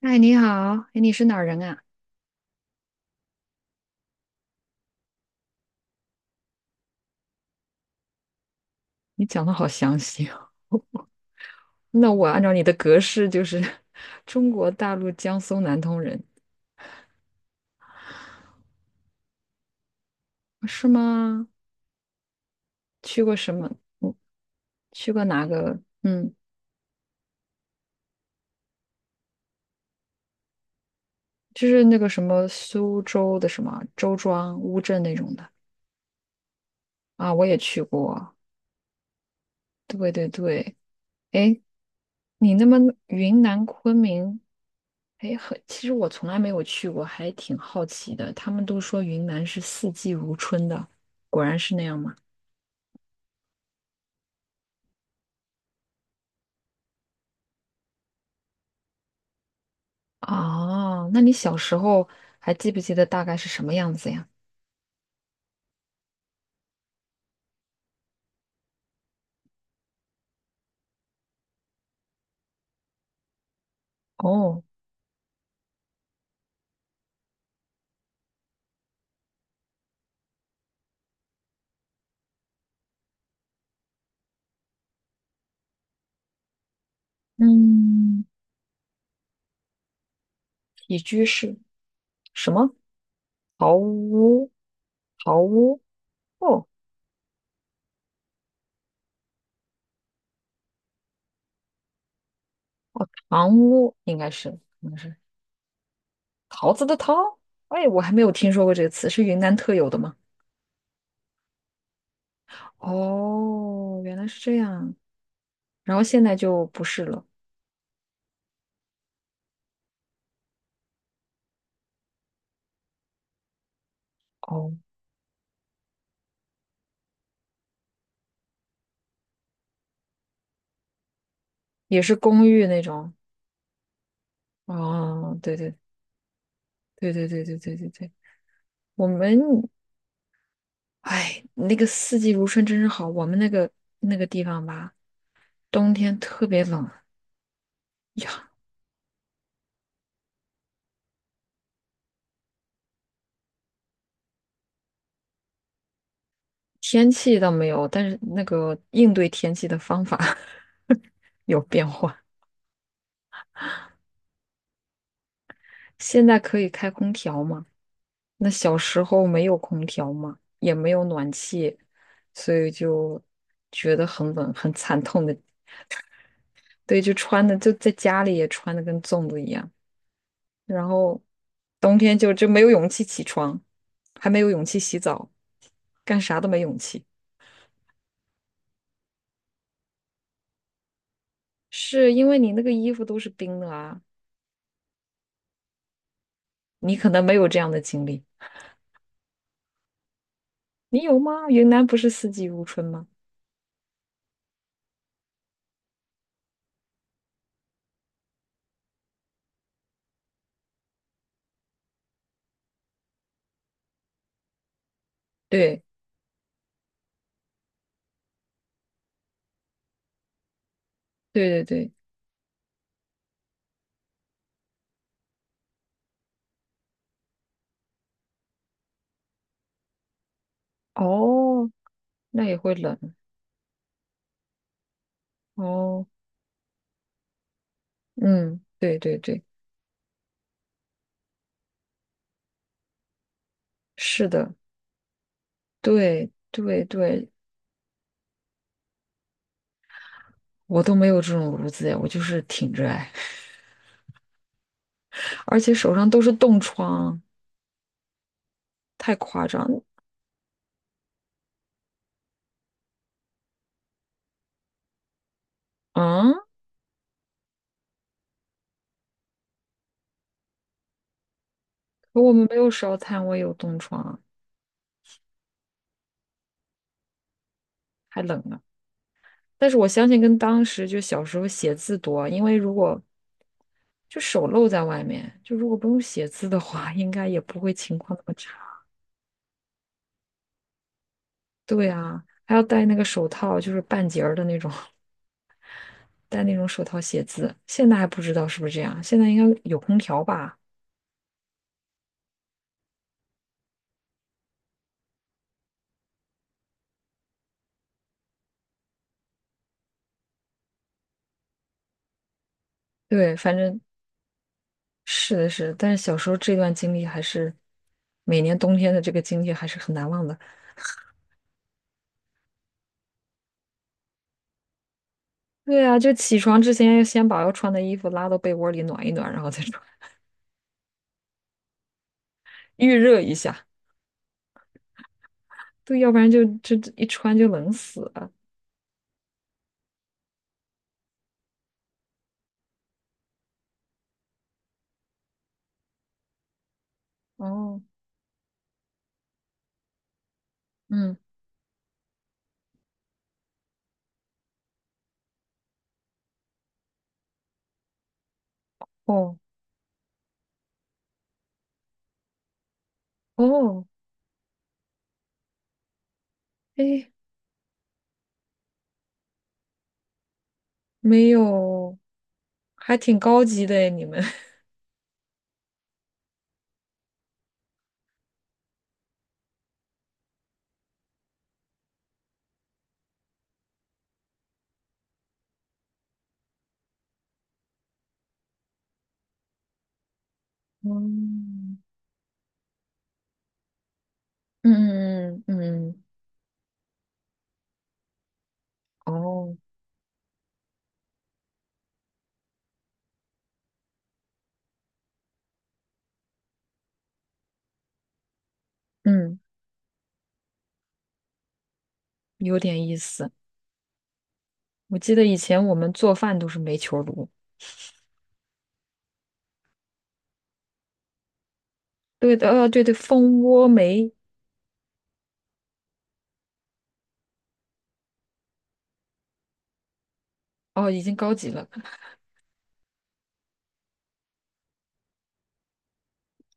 嗨，你好，哎，你是哪儿人啊？你讲的好详细哦。那我按照你的格式就是 中国大陆江苏南通人，是吗？去过什么？嗯，去过哪个？嗯，就是那个什么苏州的什么周庄、乌镇那种的啊，我也去过。对对对，哎，你那么云南昆明，哎，很，其实我从来没有去过，还挺好奇的。他们都说云南是四季如春的，果然是那样吗？哦，那你小时候还记不记得大概是什么样子呀？哦，嗯，起居室，什么桃屋、桃屋，哦，堂屋应该是，应该是桃子的桃。哎，我还没有听说过这个词，是云南特有的吗？哦，原来是这样，然后现在就不是了。哦，也是公寓那种。哦，对对对对对对对对对，我们。哎，那个四季如春真是好。我们那个那个地方吧，冬天特别冷哎呀，天气倒没有，但是那个应对天气的方法 有变化。现在可以开空调嘛？那小时候没有空调嘛，也没有暖气，所以就觉得很冷，很惨痛的。对，就穿的就在家里也穿的跟粽子一样。然后冬天就没有勇气起床，还没有勇气洗澡，干啥都没勇气，是因为你那个衣服都是冰的啊，你可能没有这样的经历，你有吗？云南不是四季如春吗？对对对对，哦，那也会冷哦，嗯，对对对，是的，对对对，我都没有这种炉子，呀，我就是挺着哎，而且手上都是冻疮，太夸张嗯。啊可我们没有烧炭，我也有冻疮啊还冷呢。但是我相信跟当时就小时候写字多，因为如果就手露在外面，就如果不用写字的话，应该也不会情况那么差。对啊，还要戴那个手套，就是半截儿的那种，戴那种手套写字。现在还不知道是不是这样，现在应该有空调吧？对，反正是的是，但是小时候这段经历还是每年冬天的这个经历还是很难忘的。对啊，就起床之前要先把要穿的衣服拉到被窝里暖一暖，然后再穿，预热一下。对，要不然就这一穿就冷死了。哦，嗯，哦，哦，哎，没有，还挺高级的诶你们。嗯嗯嗯嗯，哦，嗯，有点意思。我记得以前我们做饭都是煤球炉，对的，对对，蜂窝煤，哦，已经高级了。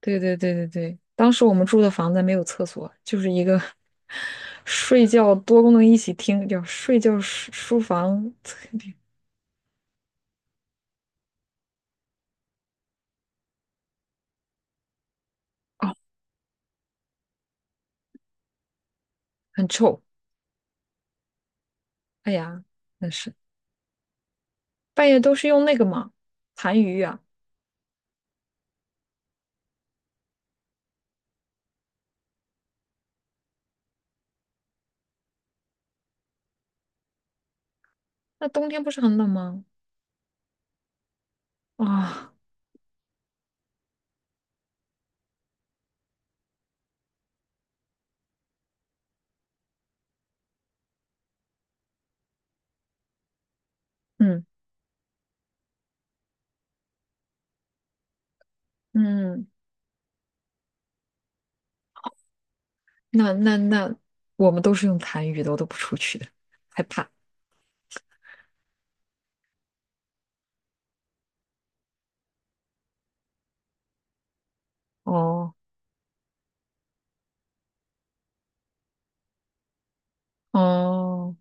对对对对对，当时我们住的房子没有厕所，就是一个 睡觉多功能一起厅，叫睡觉书房，哦，很臭，哎呀，那是半夜都是用那个嘛，痰盂啊，那冬天不是很冷吗？啊、嗯嗯，那我们都是用痰盂的，我都不出去的，害怕。哦哦，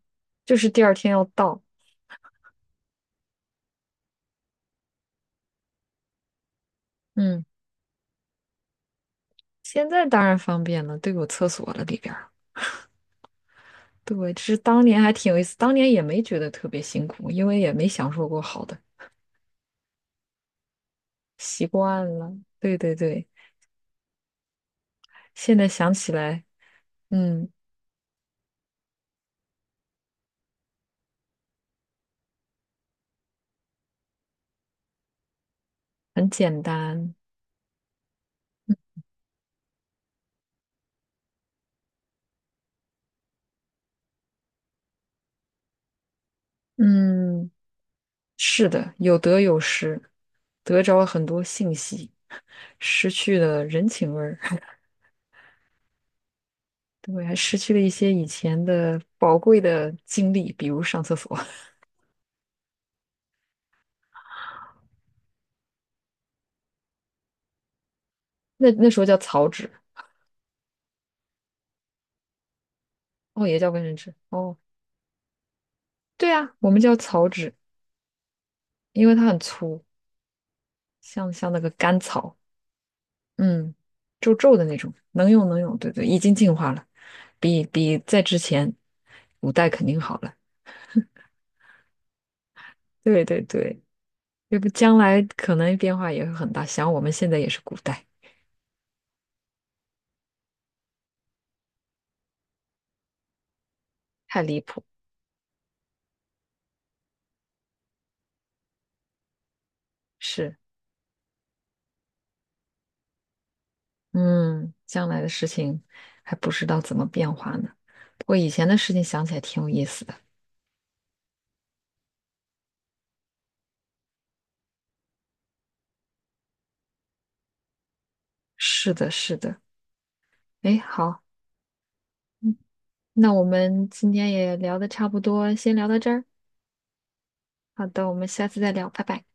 就是第二天要到，嗯，现在当然方便了，都有厕所了里边。对，这是当年还挺有意思，当年也没觉得特别辛苦，因为也没享受过好的，习惯了。对对对，现在想起来，嗯，很简单，嗯，是的，有得有失，得着了很多信息，失去了人情味儿，对，还失去了一些以前的宝贵的经历，比如上厕所，那那时候叫草纸，哦，也叫卫生纸，哦，对啊，我们叫草纸，因为它很粗，像那个干草。嗯，皱皱的那种，能用能用，对对，已经进化了，比在之前古代肯定好了。对对对，要不将来可能变化也会很大，想我们现在也是古代，太离谱。是，嗯，将来的事情还不知道怎么变化呢。不过以前的事情想起来挺有意思的。是的，是的。哎，好，那我们今天也聊的差不多，先聊到这儿。好的，我们下次再聊，拜拜。